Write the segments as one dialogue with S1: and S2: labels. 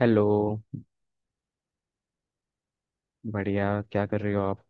S1: Hello. बढ़िया। क्या कर रहे हो आप?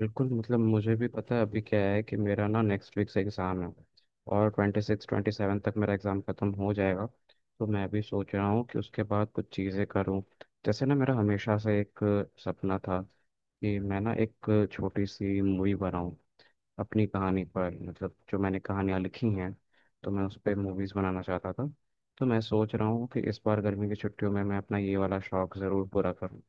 S1: बिल्कुल। मतलब मुझे भी पता है, अभी क्या है कि मेरा ना नेक्स्ट वीक से एग्ज़ाम है, और 26-27 तक मेरा एग्ज़ाम ख़त्म हो जाएगा। तो मैं भी सोच रहा हूँ कि उसके बाद कुछ चीज़ें करूँ। जैसे ना, मेरा हमेशा से एक सपना था कि मैं ना एक छोटी सी मूवी बनाऊँ अपनी कहानी पर, मतलब जो मैंने कहानियाँ लिखी हैं, तो मैं उस पर मूवीज़ बनाना चाहता था। तो मैं सोच रहा हूँ कि इस बार गर्मी की छुट्टियों में मैं अपना ये वाला शौक ज़रूर पूरा करूँ।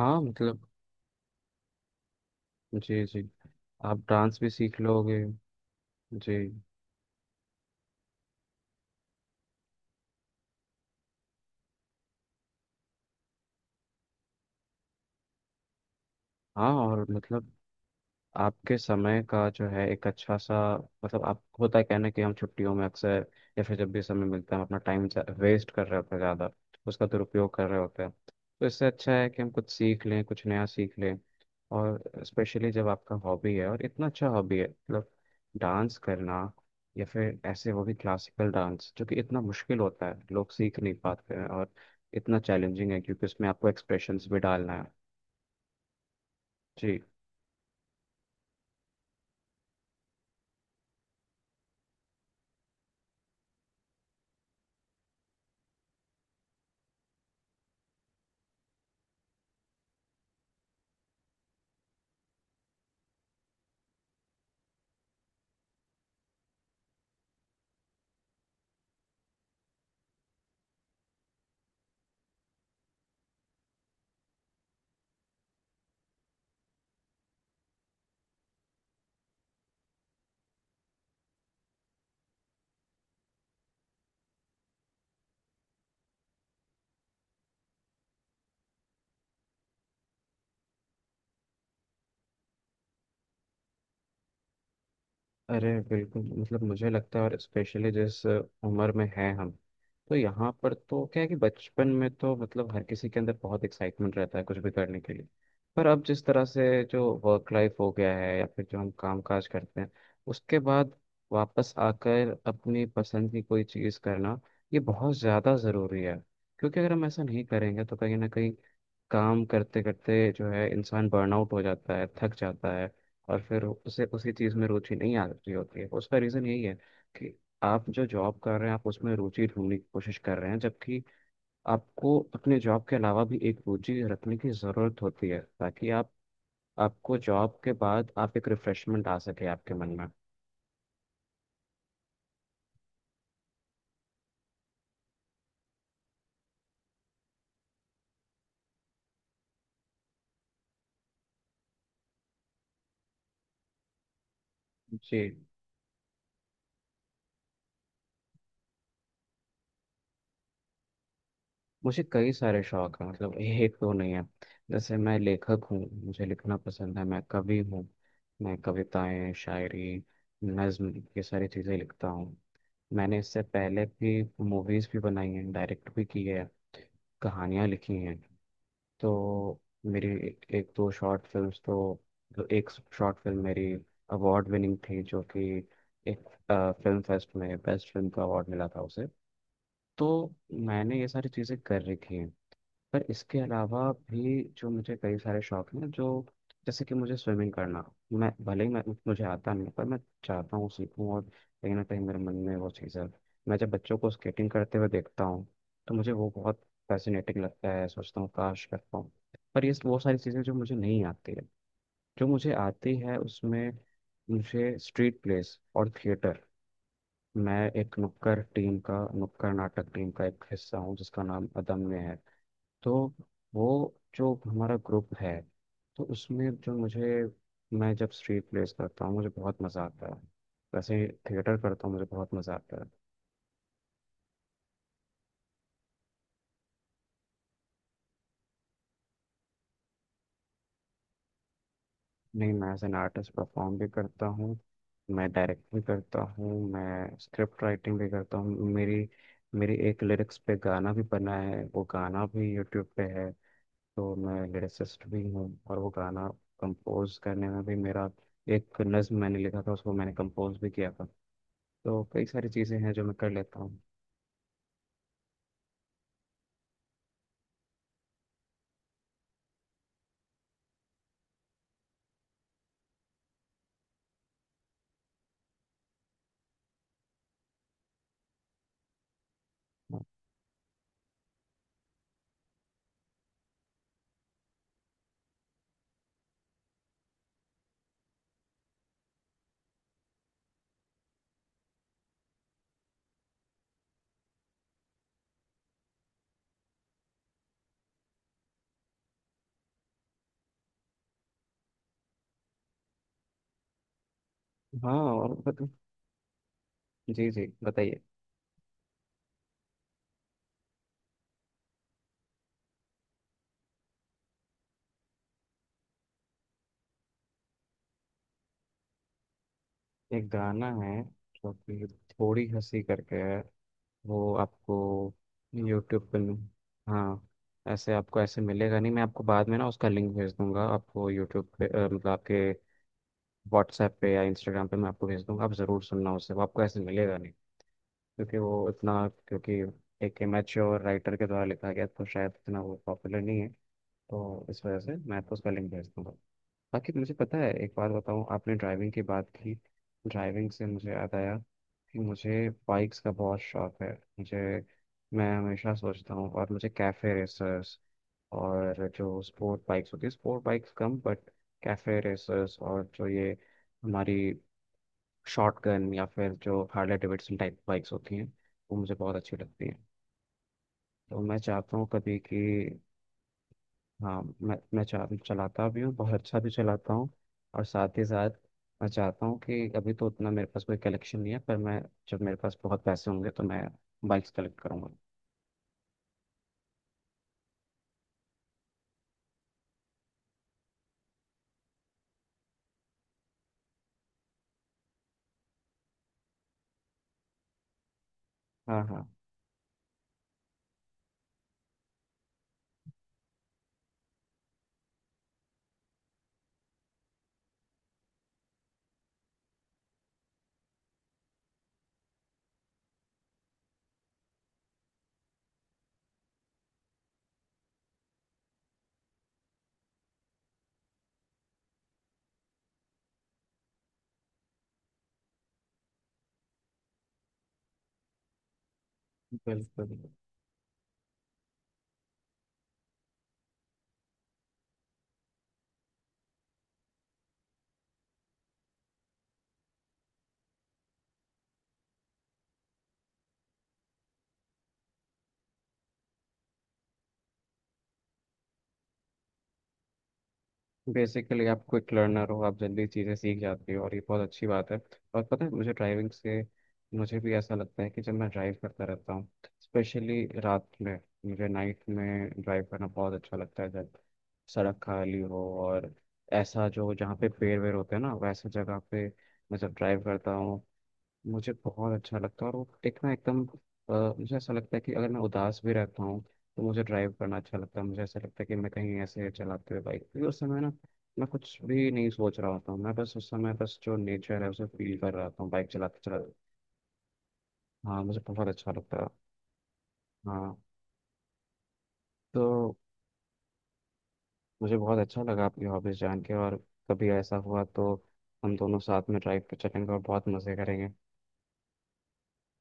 S1: हाँ, मतलब। जी, जी। आप डांस भी सीख लोगे। जी। हाँ, और मतलब आपके समय का जो है एक अच्छा सा, मतलब आप, होता है कहना कि हम छुट्टियों में अक्सर या फिर जब भी समय मिलता है हम अपना टाइम वेस्ट कर रहे होते हैं ज़्यादा, उसका दुरुपयोग कर रहे होते हैं। तो इससे अच्छा है कि हम कुछ सीख लें, कुछ नया सीख लें। और स्पेशली जब आपका हॉबी है और इतना अच्छा हॉबी है, मतलब डांस करना, या फिर ऐसे वो भी क्लासिकल डांस जो कि इतना मुश्किल होता है लोग सीख नहीं पाते हैं, और इतना चैलेंजिंग है क्योंकि उसमें आपको एक्सप्रेशंस भी डालना है। जी। अरे बिल्कुल, मतलब मुझे लगता है, और स्पेशली जिस उम्र में हैं हम, तो यहाँ पर तो क्या है कि बचपन में तो मतलब हर किसी के अंदर बहुत एक्साइटमेंट रहता है कुछ भी करने के लिए। पर अब जिस तरह से जो वर्क लाइफ हो गया है या फिर जो हम काम काज करते हैं, उसके बाद वापस आकर अपनी पसंद की कोई चीज़ करना, ये बहुत ज़्यादा ज़रूरी है। क्योंकि अगर हम ऐसा नहीं करेंगे तो कहीं ना कहीं काम करते करते जो है इंसान बर्नआउट हो जाता है, थक जाता है, और फिर उसे उसी चीज़ में रुचि नहीं आ रही होती है, उसका रीज़न यही है कि आप जो जॉब कर रहे हैं आप उसमें रुचि ढूंढने की कोशिश कर रहे हैं, जबकि आपको अपने जॉब के अलावा भी एक रुचि रखने की ज़रूरत होती है ताकि आप, आपको जॉब के बाद आप एक रिफ्रेशमेंट आ सके आपके मन में। जी। मुझे कई सारे शौक हैं, मतलब एक तो नहीं है। जैसे मैं लेखक हूँ, मुझे लिखना पसंद है, मैं कवि हूँ। मैं कविताएं, शायरी, नज्म, ये सारी चीज़ें लिखता हूँ। मैंने इससे पहले भी मूवीज़ भी बनाई हैं, डायरेक्ट भी की है, कहानियाँ लिखी हैं। तो मेरी एक एक दो शॉर्ट फिल्म्स, तो एक शॉर्ट फिल्म मेरी अवार्ड विनिंग थी, जो कि एक फिल्म फेस्ट में बेस्ट फिल्म का अवार्ड मिला था उसे। तो मैंने ये सारी चीज़ें कर रखी हैं। पर इसके अलावा भी जो मुझे कई सारे शौक हैं, जो जैसे कि मुझे स्विमिंग करना, मैं भले ही मैं मुझे आता नहीं है, पर मैं चाहता हूँ सीखूँ। और कहीं ना कहीं मेरे मन में वो चीज़ है, मैं जब बच्चों को स्केटिंग करते हुए देखता हूँ तो मुझे वो बहुत फैसिनेटिंग लगता है, सोचता हूँ काश कर पाऊँ। पर ये वो सारी चीज़ें जो मुझे नहीं आती है। जो मुझे आती है उसमें, मुझे स्ट्रीट प्लेस और थिएटर, मैं एक नुक्कड़ टीम का, नुक्कड़ नाटक टीम का एक हिस्सा हूँ, जिसका नाम अदम्य है। तो वो जो हमारा ग्रुप है, तो उसमें जो मुझे, मैं जब स्ट्रीट प्लेस करता हूँ मुझे बहुत मज़ा आता है, वैसे थिएटर करता हूँ मुझे बहुत मज़ा आता है। नहीं, मैं एज एन आर्टिस्ट परफॉर्म भी करता हूँ, मैं डायरेक्ट भी करता हूँ, मैं स्क्रिप्ट राइटिंग भी करता हूँ। मेरी मेरी एक लिरिक्स पे गाना भी बना है, वो गाना भी यूट्यूब पे है। तो मैं लिरिसिस्ट भी हूँ। और वो गाना कंपोज करने में भी मेरा, एक नज्म मैंने लिखा था उसको मैंने कंपोज भी किया था। तो कई सारी चीज़ें हैं जो मैं कर लेता हूँ। हाँ, हाँ, जी, जी, बताइए। एक गाना है जो कि थोड़ी हंसी करके है, वो आपको यूट्यूब पे मिल- हाँ, ऐसे आपको ऐसे मिलेगा नहीं, मैं आपको बाद में ना उसका लिंक भेज दूंगा, आपको यूट्यूब पे। मतलब आपके व्हाट्सएप पे या इंस्टाग्राम पे मैं आपको भेज दूंगा, आप ज़रूर सुनना उसे, वो आपको ऐसे मिलेगा नहीं क्योंकि वो इतना, क्योंकि एक मैच्योर राइटर के द्वारा लिखा गया तो शायद इतना वो पॉपुलर नहीं है। तो इस वजह से मैं आपको उसका लिंक भेज दूंगा। बाकी मुझे पता है, एक बात बताऊँ, आपने ड्राइविंग की बात की, ड्राइविंग से मुझे याद आया कि मुझे बाइक्स का बहुत शौक है। मुझे, मैं हमेशा सोचता हूँ, और मुझे कैफे रेसर्स और जो स्पोर्ट बाइक्स होती है, स्पोर्ट बाइक्स कम, बट कैफे रेसर्स और जो ये हमारी शॉटगन या फिर जो हार्ले डेविडसन टाइप बाइक्स होती हैं, वो मुझे बहुत अच्छी लगती हैं। तो मैं चाहता हूँ कभी कि, हाँ, चलाता भी हूँ, बहुत अच्छा भी चलाता हूँ। और साथ ही साथ मैं चाहता हूँ कि, अभी तो उतना मेरे पास कोई कलेक्शन नहीं है, पर मैं जब मेरे पास बहुत पैसे होंगे तो मैं बाइक्स कलेक्ट करूँगा। हाँ, हाँ, बिल्कुल। बेसिकली आप क्विक लर्नर हो, आप जल्दी चीज़ें सीख जाते हो, और ये बहुत अच्छी बात है। और पता है, मुझे ड्राइविंग से मुझे भी ऐसा लगता है कि जब मैं ड्राइव करता रहता हूँ, स्पेशली रात में, मुझे नाइट में ड्राइव करना बहुत अच्छा लगता है जब सड़क खाली हो, और ऐसा जो जहाँ पे पेड़ वेड़ होते हैं ना, वैसे जगह पे मैं जब ड्राइव करता हूँ मुझे बहुत अच्छा लगता है। और वो एक ना एकदम, मुझे ऐसा लगता है कि अगर मैं उदास भी रहता हूँ तो मुझे ड्राइव करना अच्छा लगता है। मुझे ऐसा लगता है कि मैं कहीं ऐसे चलाते हुए बाइक, क्योंकि उस समय ना मैं कुछ भी नहीं सोच रहा होता हूँ, मैं बस उस समय बस जो नेचर है उसे फील कर रहा होता हूँ बाइक चलाते चलाते। हाँ, मुझे बहुत अच्छा लगता है। हाँ। तो मुझे बहुत अच्छा लगा आपकी हॉबीज जान के। और कभी ऐसा हुआ तो हम दोनों साथ में ड्राइव पे चलेंगे और बहुत मज़े करेंगे।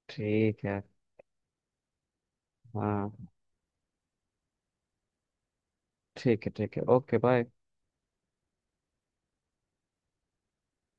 S1: ठीक है। हाँ, ठीक है, ठीक है, ओके बाय।